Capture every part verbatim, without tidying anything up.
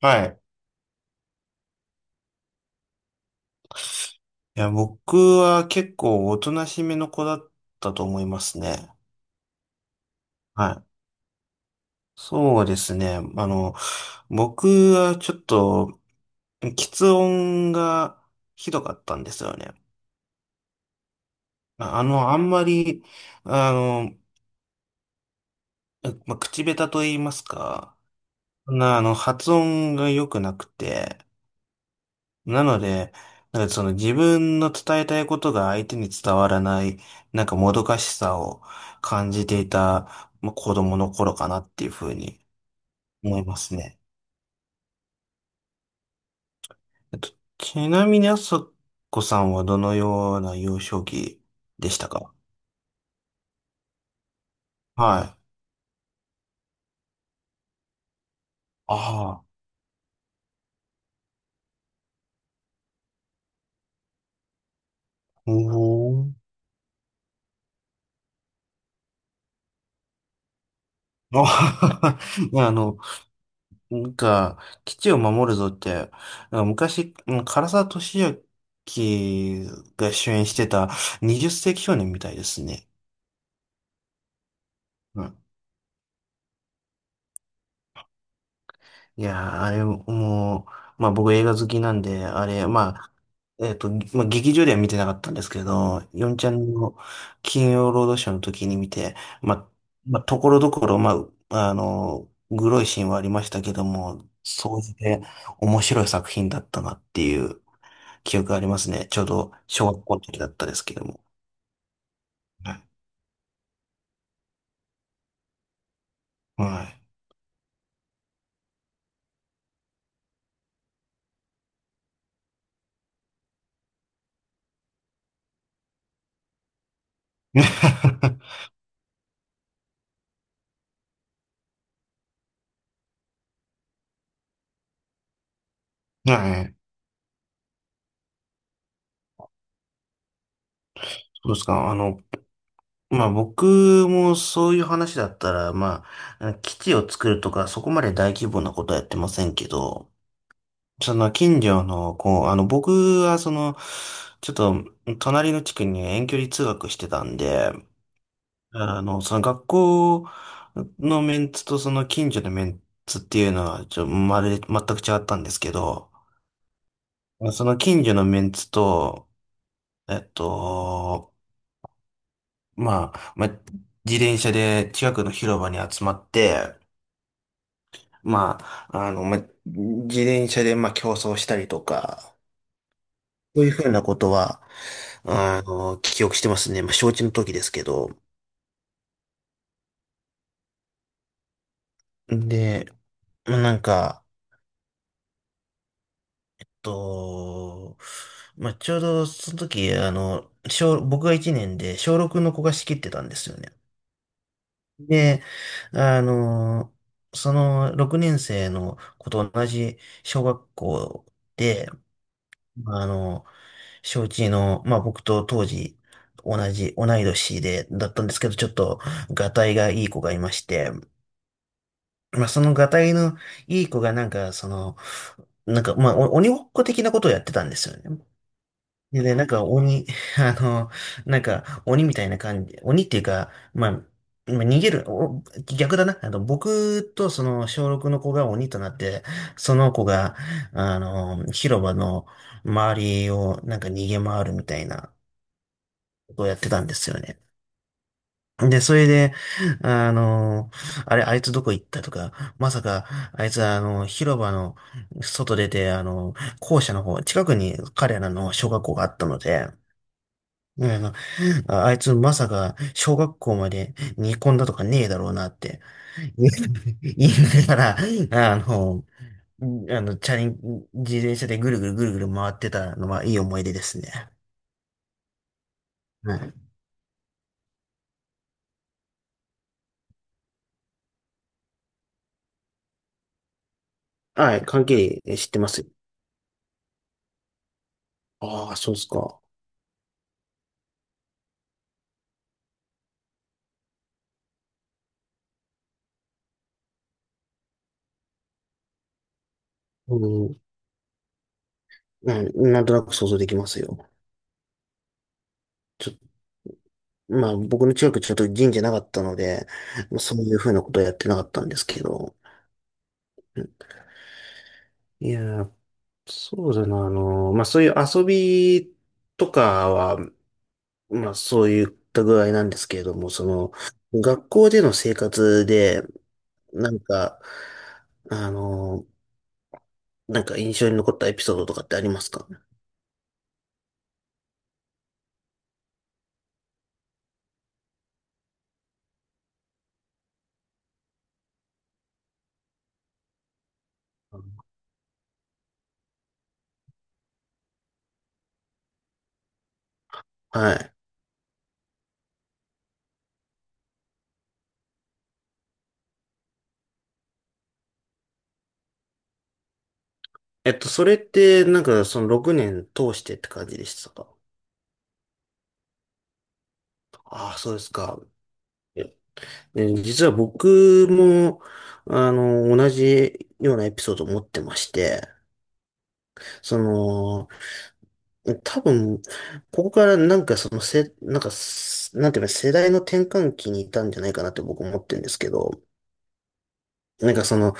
はい。いや、僕は結構おとなしめの子だったと思いますね。はい。そうですね。あの、僕はちょっと、喫音がひどかったんですよね。ああの、あんまり、あの、まあ、口下手と言いますか、そんな、あの、発音が良くなくて、なので、なんかその自分の伝えたいことが相手に伝わらない、なんかもどかしさを感じていた、まあ、子供の頃かなっていうふうに思いますね。えっと、ちなみにあさこさんはどのような幼少期でしたか？はい。ああ、おお あはははあの、なんか、基地を守るぞって、なんか昔、うん唐沢寿明が主演してたにじゅう世紀少年みたいですね。うん。いやー、あれ、もう、まあ僕映画好きなんで、あれ、まあ、えっと、まあ劇場では見てなかったんですけど、ヨンちゃんの金曜ロードショーの時に見て、まあ、まあ、ところどころ、まあ、あの、グロいシーンはありましたけども、総じて面白い作品だったなっていう記憶がありますね。ちょうど小学校の時だったですけども。はい。はい。はい。そうですか。あの、まあ僕もそういう話だったら、まあ、基地を作るとか、そこまで大規模なことはやってませんけど、その近所の、こう、あの僕はその、ちょっと隣の地区に遠距離通学してたんで、あの、その学校のメンツとその近所のメンツっていうのは、ちょ、まるで全く違ったんですけど、その近所のメンツと、えっと、まあ、まあ、自転車で近くの広場に集まって、まあ、あの、まあ、自転車で、まあ、競争したりとか、そういうふうなことは、あの、記憶してますね。まあ、承知の時ですけど。で、まあ、なんか、と、まあ、ちょうどその時、あの、小、僕がいちねんで小ろくの子が仕切ってたんですよね。で、あの、そのろくねん生の子と同じ小学校で、まあの、小一の、まあ僕と当時同じ、同い年で、だったんですけど、ちょっと、がたいがいい子がいまして、まあそのがたいのいい子がなんか、その、なんか、まあお鬼ごっこ的なことをやってたんですよね。でね、なんか鬼、あの、なんか鬼みたいな感じ、鬼っていうか、まあ、まあ逃げる、お、逆だな。あの、僕とその小ろくの子が鬼となって、その子が、あの、広場の周りをなんか逃げ回るみたいなことをやってたんですよね。で、それで、あの、あれ、あいつどこ行ったとか、まさか、あいつはあの、広場の外出て、あの、校舎の方、近くに彼らの小学校があったので、ねえあのああいつまさか小学校まで煮込んだとかねえだろうなって 言いながら、あの、あの、チャリン、自転車でぐるぐるぐるぐる回ってたのはいい思い出ですね。はい。はい、関係知ってますよ。ああ、そうですか。うん、うん、なんとなく想像できますよ。ちょ、まあ僕の近くちょっと神社なかったので、そういうふうなことはやってなかったんですけど。いやー、そうだな、あの、まあ、そういう遊びとかは、まあ、そういった具合なんですけれども、その、学校での生活で、なんか、あの、なんか印象に残ったエピソードとかってありますか？はい。えっと、それって、なんか、そのろくねん通してって感じでしたか？ああ、そうですか。ええ、実は僕も、あの、同じようなエピソードを持ってまして、その、多分、ここからなんかそのせ、なんかす、なんていうの、世代の転換期にいたんじゃないかなって僕思ってるんですけど、なんかその、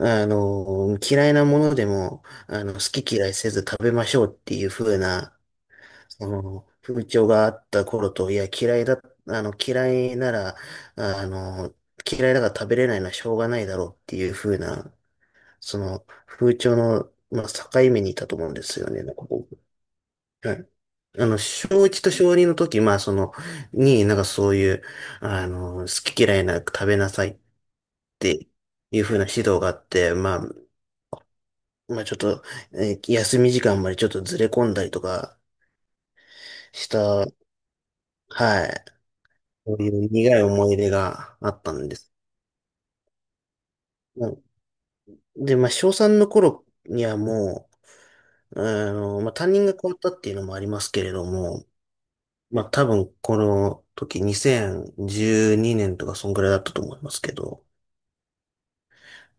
あの、嫌いなものでも、あの、好き嫌いせず食べましょうっていう風な、その、風潮があった頃と、いや、嫌いだ、あの、嫌いなら、あの、嫌いだから食べれないのはしょうがないだろうっていう風な、その、風潮の、まあ、境目にいたと思うんですよね、なんか僕。はい。あの、小いちと小にの時、まあ、その、に、なんかそういう、あの、好き嫌いなく食べなさいっていう風な指導があって、まあ、まあ、ちょっと、えー休み時間までちょっとずれ込んだりとかした。はい。そういう苦い思い出があったんです。まあ、で、まあ、小さんの頃にはもう、あの、まあ、担任が変わったっていうのもありますけれども、まあ、多分この時にせんじゅうにねんとかそんぐらいだったと思いますけど、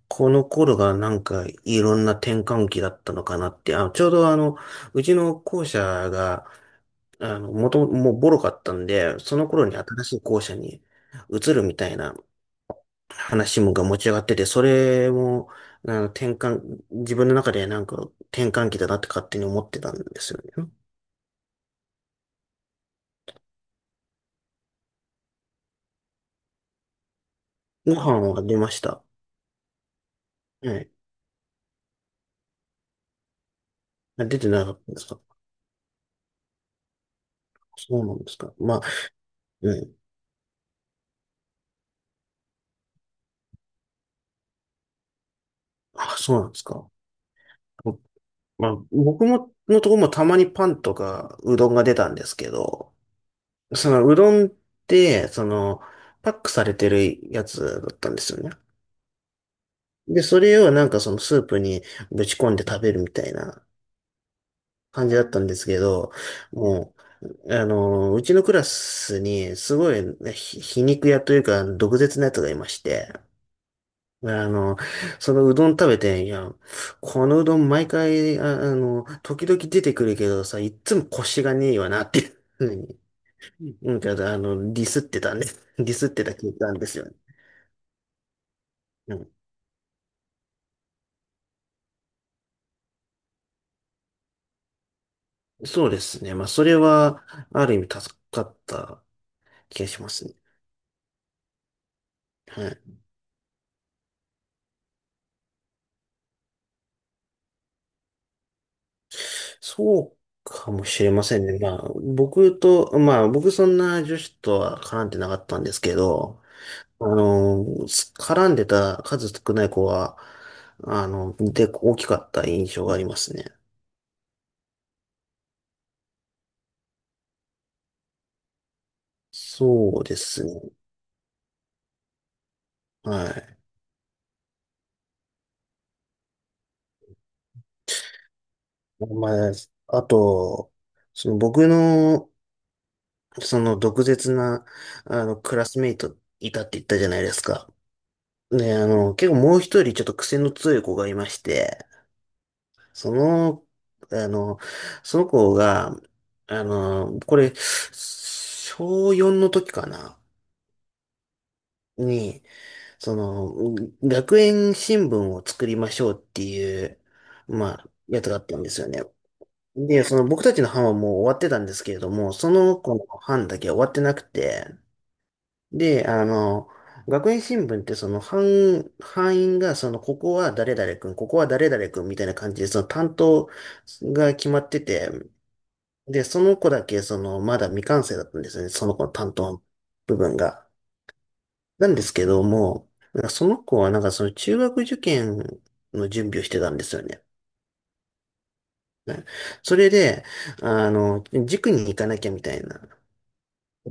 この頃がなんかいろんな転換期だったのかなって、あ、ちょうどあの、うちの校舎が、あの、もともともうボロかったんで、その頃に新しい校舎に移るみたいな話もが持ち上がってて、それも、あの、転換、自分の中でなんか転換期だなって勝手に思ってたんですよね。ご飯は出ました。はい。あ、出てなかったんですか？そうなんですか。まあ、うん。あ、そうなんですか。まあ、僕も、のとこもたまにパンとかうどんが出たんですけど、そのうどんって、その、パックされてるやつだったんですよね。で、それをなんかそのスープにぶち込んで食べるみたいな感じだったんですけど、もう、あの、うちのクラスにすごいね、ひ皮肉屋というか毒舌なやつがいまして、ね、あの、そのうどん食べて、いや、このうどん毎回、あ、あの、時々出てくるけどさ、いっつも腰がねえよなっていうふうに、なんか、あの、ディスってたね。ディスってた経験ですよね。うん。そうですね。まあ、それは、ある意味助かった気がしますね。はい。そうかもしれませんね。まあ、僕と、まあ、僕そんな女子とは絡んでなかったんですけど、あの、絡んでた数少ない子は、あの、で、大きかった印象がありますね。そうですね。はい。まあ、あと、その僕の、その毒舌な、あの、クラスメイトいたって言ったじゃないですか。ね、あの、結構もう一人ちょっと癖の強い子がいまして、その、あの、その子が、あの、これ、小よんの時かな、に、その、学園新聞を作りましょうっていう、まあ、やつがあったんですよね。で、その僕たちの班はもう終わってたんですけれども、その子の班だけ終わってなくて、で、あの、学園新聞ってその班、班員がその、ここは誰々君、ここは誰々君みたいな感じで、その担当が決まってて、で、その子だけその、まだ未完成だったんですよね、その子の担当の部分が。なんですけども、なんかその子はなんかその中学受験の準備をしてたんですよね。ね、それで、あの、塾に行かなきゃみたいなこ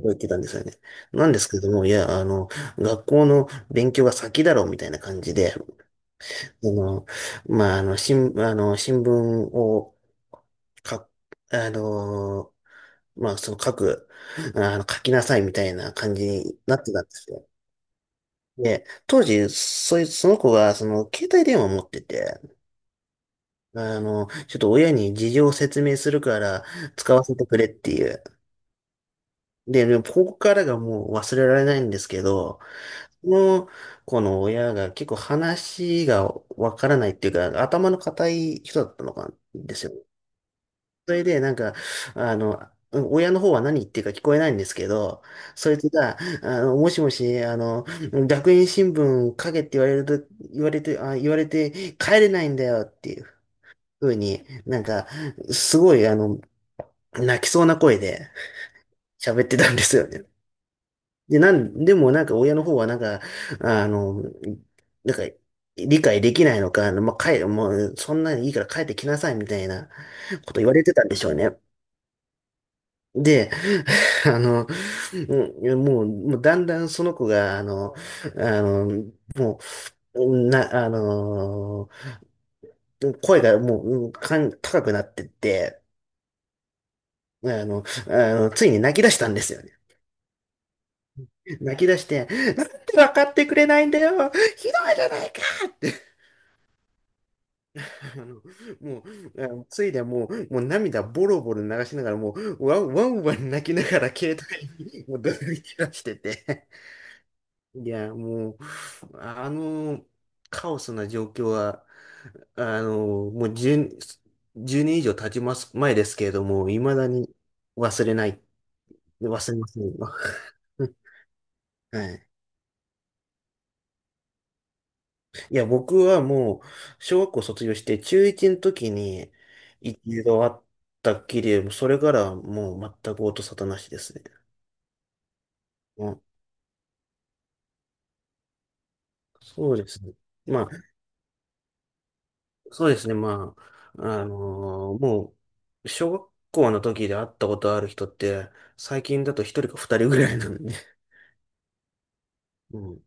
とを言ってたんですよね。なんですけども、いや、あの、学校の勉強が先だろうみたいな感じで、あの、まあ、あの、新、あの、新聞を書あの、まあ、その書く、あの、書きなさいみたいな感じになってたんですよ。で、当時、そい、その子が、その、携帯電話を持ってて、あの、ちょっと親に事情を説明するから使わせてくれっていう。で、でもここからがもう忘れられないんですけど、その子の親が結構話がわからないっていうか、頭の固い人だったのかんですよ。それで、なんか、あの、親の方は何言ってるか聞こえないんですけど、そいつが、あの、もしもし、あの、学園新聞書けって言われると、言われて、あ、言われて帰れないんだよっていうふうに、なんか、すごい、あの、泣きそうな声で喋ってたんですよね。で、なん、でもなんか親の方はなんか、あの、なんか理解できないのか、あのまあ、帰、もうそんなにいいから帰ってきなさいみたいなこと言われてたんでしょうね。で、あの、うんもう、もうだんだんその子が、あの、あの、もう、な、あの、声がもう、うんかん、高くなってって、あの、あの、ついに泣き出したんですよね。泣き出して、なんで分かってくれないんだよ、ひどいじゃないかって、あの、もう、あのついでもう、もう涙ボロボロ流しながら、もう、ワンワンワン泣きながら携帯に もうどいてらしてて、いや、もう、あの、カオスな状況は、あの、もうじゅう、年以上経ちます、前ですけれども、未だに忘れない、忘れませんよ。はい。いや、僕はもう、小学校卒業して中いちの時に一度会ったっきり、それからはもう全く音沙汰なしですね。うん、そうですね。まあ、そうですね。まあ、あのーもう、小学校の時で会ったことある人って、最近だと一人か二人ぐらいなんで。うん、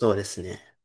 そうですね。